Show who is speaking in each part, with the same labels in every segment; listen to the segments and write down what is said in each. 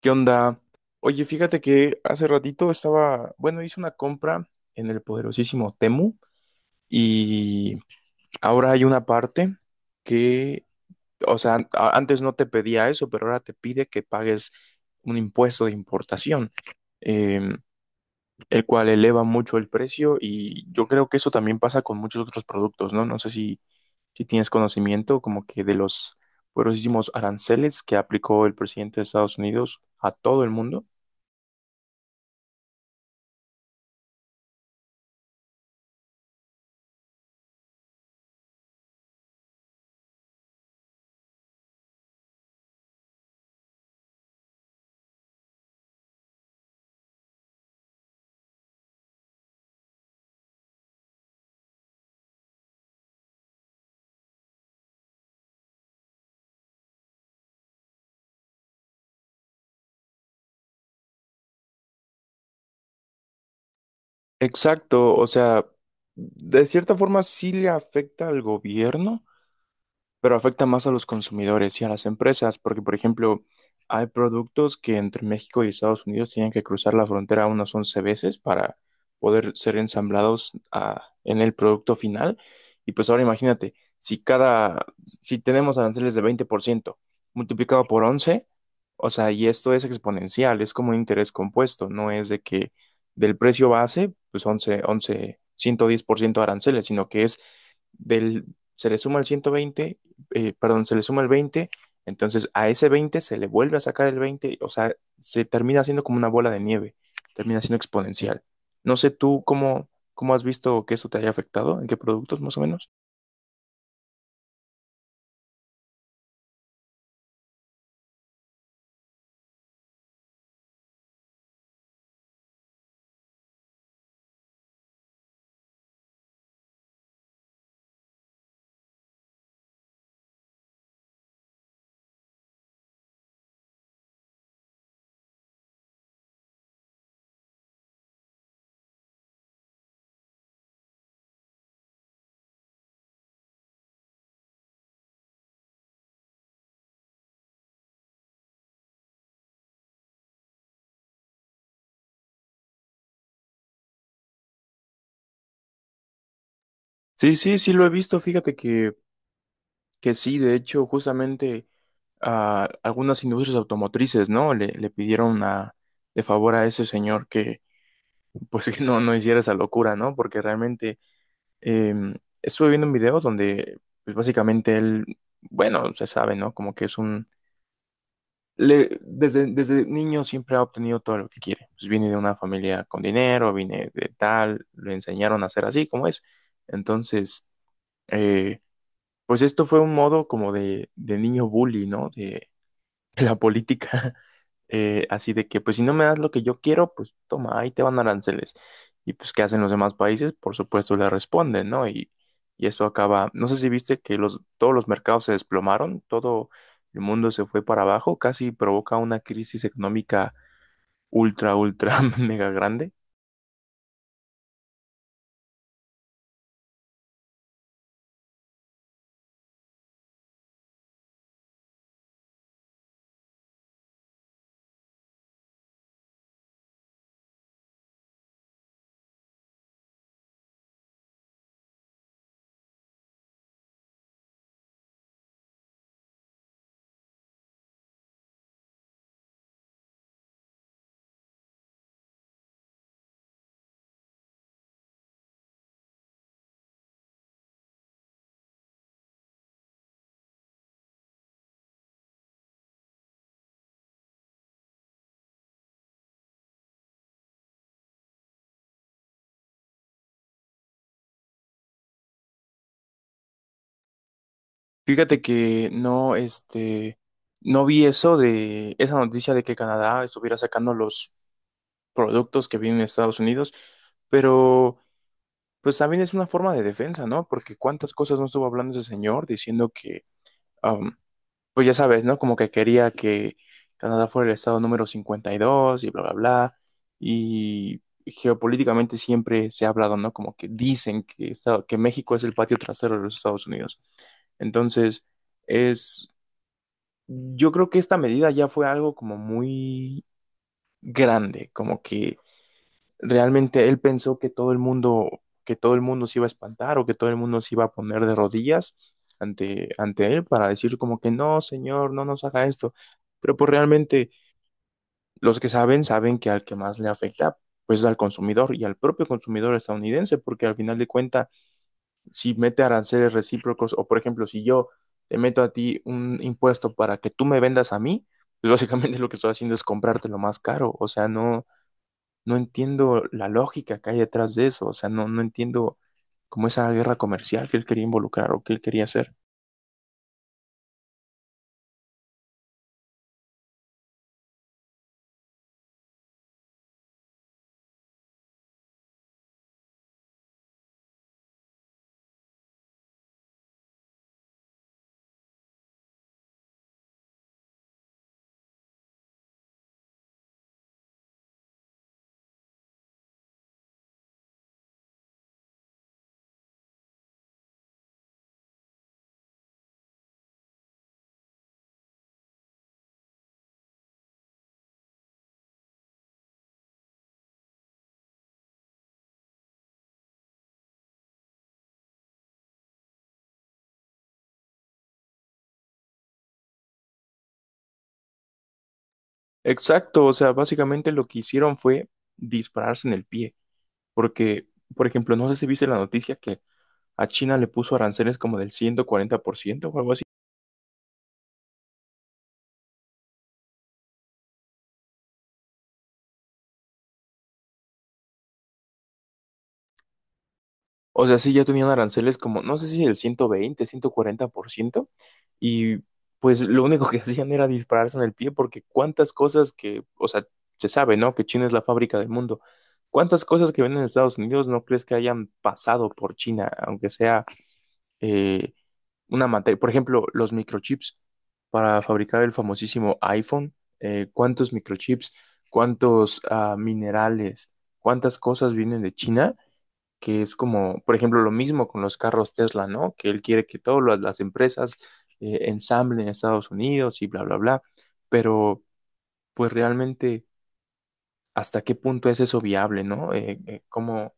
Speaker 1: ¿Qué onda? Oye, fíjate que hace ratito estaba, bueno, hice una compra en el poderosísimo Temu y ahora hay una parte que, o sea, antes no te pedía eso, pero ahora te pide que pagues un impuesto de importación, eh, el cual eleva mucho el precio y yo creo que eso también pasa con muchos otros productos, ¿no? No sé si tienes conocimiento como que de los poderosísimos aranceles que aplicó el presidente de Estados Unidos a todo el mundo. Exacto, o sea, de cierta forma sí le afecta al gobierno, pero afecta más a los consumidores y a las empresas, porque, por ejemplo, hay productos que entre México y Estados Unidos tienen que cruzar la frontera unas 11 veces para poder ser ensamblados, en el producto final. Y pues ahora imagínate, si tenemos aranceles de 20% multiplicado por 11, o sea, y esto es exponencial, es como un interés compuesto, no es de que del precio base, pues 11, 11, 110% aranceles, sino que es del, se le suma el 120, perdón, se le suma el 20, entonces a ese 20 se le vuelve a sacar el 20, o sea, se termina haciendo como una bola de nieve, termina siendo exponencial. No sé tú cómo has visto que eso te haya afectado, en qué productos más o menos. Sí, sí, sí lo he visto, fíjate que sí, de hecho, justamente a algunas industrias automotrices, ¿no? Le pidieron de favor a ese señor que, pues, que no hiciera esa locura, ¿no? Porque realmente Em, estuve viendo un video donde, pues básicamente él, bueno, se sabe, ¿no? Como que es un. Desde niño siempre ha obtenido todo lo que quiere. Pues viene de una familia con dinero, viene de tal, lo enseñaron a ser así como es. Entonces, eh, pues esto fue un modo como de niño bully, ¿no? La política. Así de que, pues si no me das lo que yo quiero, pues toma, ahí te van aranceles. Y pues, ¿qué hacen los demás países? Por supuesto, le responden, ¿no? Y eso acaba, no sé si viste que todos los mercados se desplomaron, todo el mundo se fue para abajo, casi provoca una crisis económica ultra, ultra, mega grande. Fíjate que no, este, no vi eso de esa noticia de que Canadá estuviera sacando los productos que vienen de Estados Unidos, pero pues también es una forma de defensa, ¿no? Porque cuántas cosas no estuvo hablando ese señor diciendo que, am, pues ya sabes, ¿no? Como que quería que Canadá fuera el estado número 52 y dos y bla, bla, bla. Y geopolíticamente siempre se ha hablado, ¿no? Como que dicen que, que México es el patio trasero de los Estados Unidos. Entonces, es, yo creo que esta medida ya fue algo como muy grande, como que realmente él pensó que todo el mundo, que todo el mundo se iba a espantar o que todo el mundo se iba a poner de rodillas ante él para decir como que no, señor, no nos haga esto. Pero pues realmente los que saben, saben que al que más le afecta, pues es al consumidor y al propio consumidor estadounidense, porque al final de cuentas, si mete aranceles recíprocos o por ejemplo, si yo te meto a ti un impuesto para que tú me vendas a mí, pues básicamente lo que estoy haciendo es comprarte lo más caro. O sea, no entiendo la lógica que hay detrás de eso, o sea, no entiendo como esa guerra comercial que él quería involucrar o que él quería hacer. Exacto, o sea, básicamente lo que hicieron fue dispararse en el pie, porque, por ejemplo, no sé si viste la noticia que a China le puso aranceles como del 140% o algo así. O sea, sí, ya tenían aranceles como, no sé si el 120, 140%, y pues lo único que hacían era dispararse en el pie, porque cuántas cosas que, o sea, se sabe, ¿no? Que China es la fábrica del mundo. ¿Cuántas cosas que ven en Estados Unidos no crees que hayan pasado por China, aunque sea eh, una materia? Por ejemplo, los microchips para fabricar el famosísimo iPhone. ¿Cuántos microchips, cuántos minerales, cuántas cosas vienen de China? Que es como, por ejemplo, lo mismo con los carros Tesla, ¿no? Que él quiere que todas las empresas ensamblen en Estados Unidos y bla, bla, bla. Pero, pues realmente, ¿hasta qué punto es eso viable, ¿no? ¿Cómo?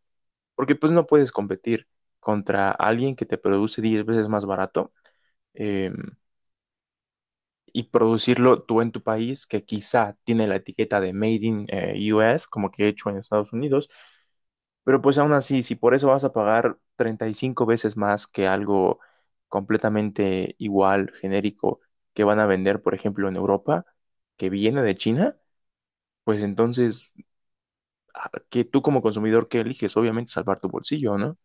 Speaker 1: Porque pues no puedes competir contra alguien que te produce 10 veces más barato, eh, y producirlo tú en tu país, que quizá tiene la etiqueta de Made in US, como que hecho en Estados Unidos. Pero pues aún así, si por eso vas a pagar 35 veces más que algo completamente igual, genérico, que van a vender, por ejemplo, en Europa, que viene de China, pues entonces, ¿a ¿qué tú como consumidor qué eliges? Obviamente salvar tu bolsillo, ¿no?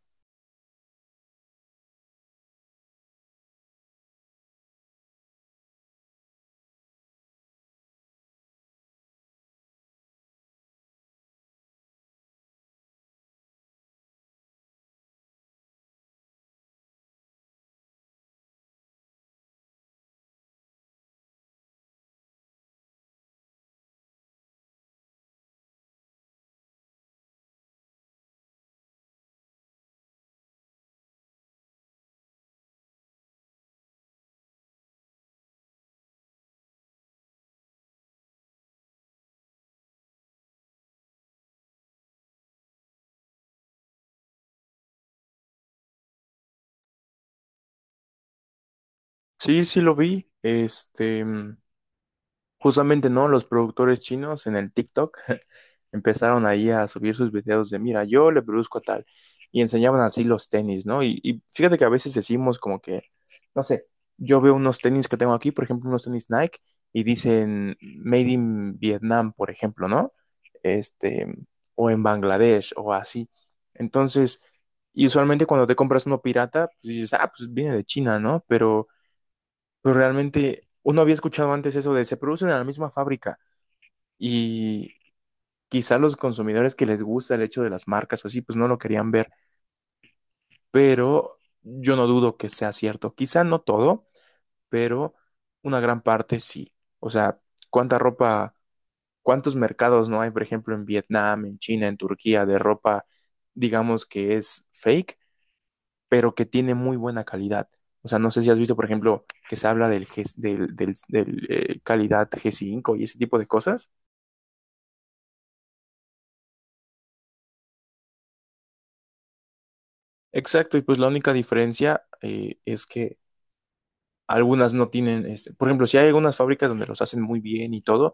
Speaker 1: Sí, sí lo vi. Este, justamente, ¿no? Los productores chinos en el TikTok empezaron ahí a subir sus videos de, mira, yo le produzco tal, y enseñaban así los tenis, ¿no? Y fíjate que a veces decimos como que, no sé, yo veo unos tenis que tengo aquí, por ejemplo, unos tenis Nike, y dicen Made in Vietnam, por ejemplo, ¿no? Este, o en Bangladesh, o así. Entonces, y usualmente cuando te compras uno pirata, pues dices, ah, pues viene de China, ¿no? Pero realmente uno había escuchado antes eso de se producen en la misma fábrica. Y, quizá los consumidores que les gusta el hecho de las marcas o así, pues no lo querían ver, pero yo no dudo que sea cierto. Quizá no todo, pero una gran parte sí. O sea, ¿cuánta ropa, cuántos mercados no hay, por ejemplo, en Vietnam, en China, en Turquía, de ropa, digamos que es fake, pero que tiene muy buena calidad? O sea, no sé si has visto, por ejemplo, que se habla del calidad G5 y ese tipo de cosas. Exacto, y pues la única diferencia es que algunas no tienen, este, por ejemplo, si hay algunas fábricas donde los hacen muy bien y todo,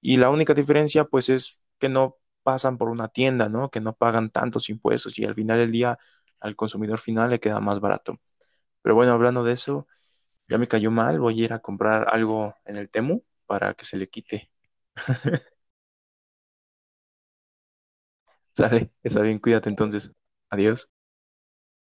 Speaker 1: y la única diferencia pues es que no pasan por una tienda, ¿no? Que no pagan tantos impuestos y al final del día al consumidor final le queda más barato. Pero bueno, hablando de eso, ya me cayó mal, voy a ir a comprar algo en el Temu para que se le quite. Sale, está bien, cuídate entonces. Adiós.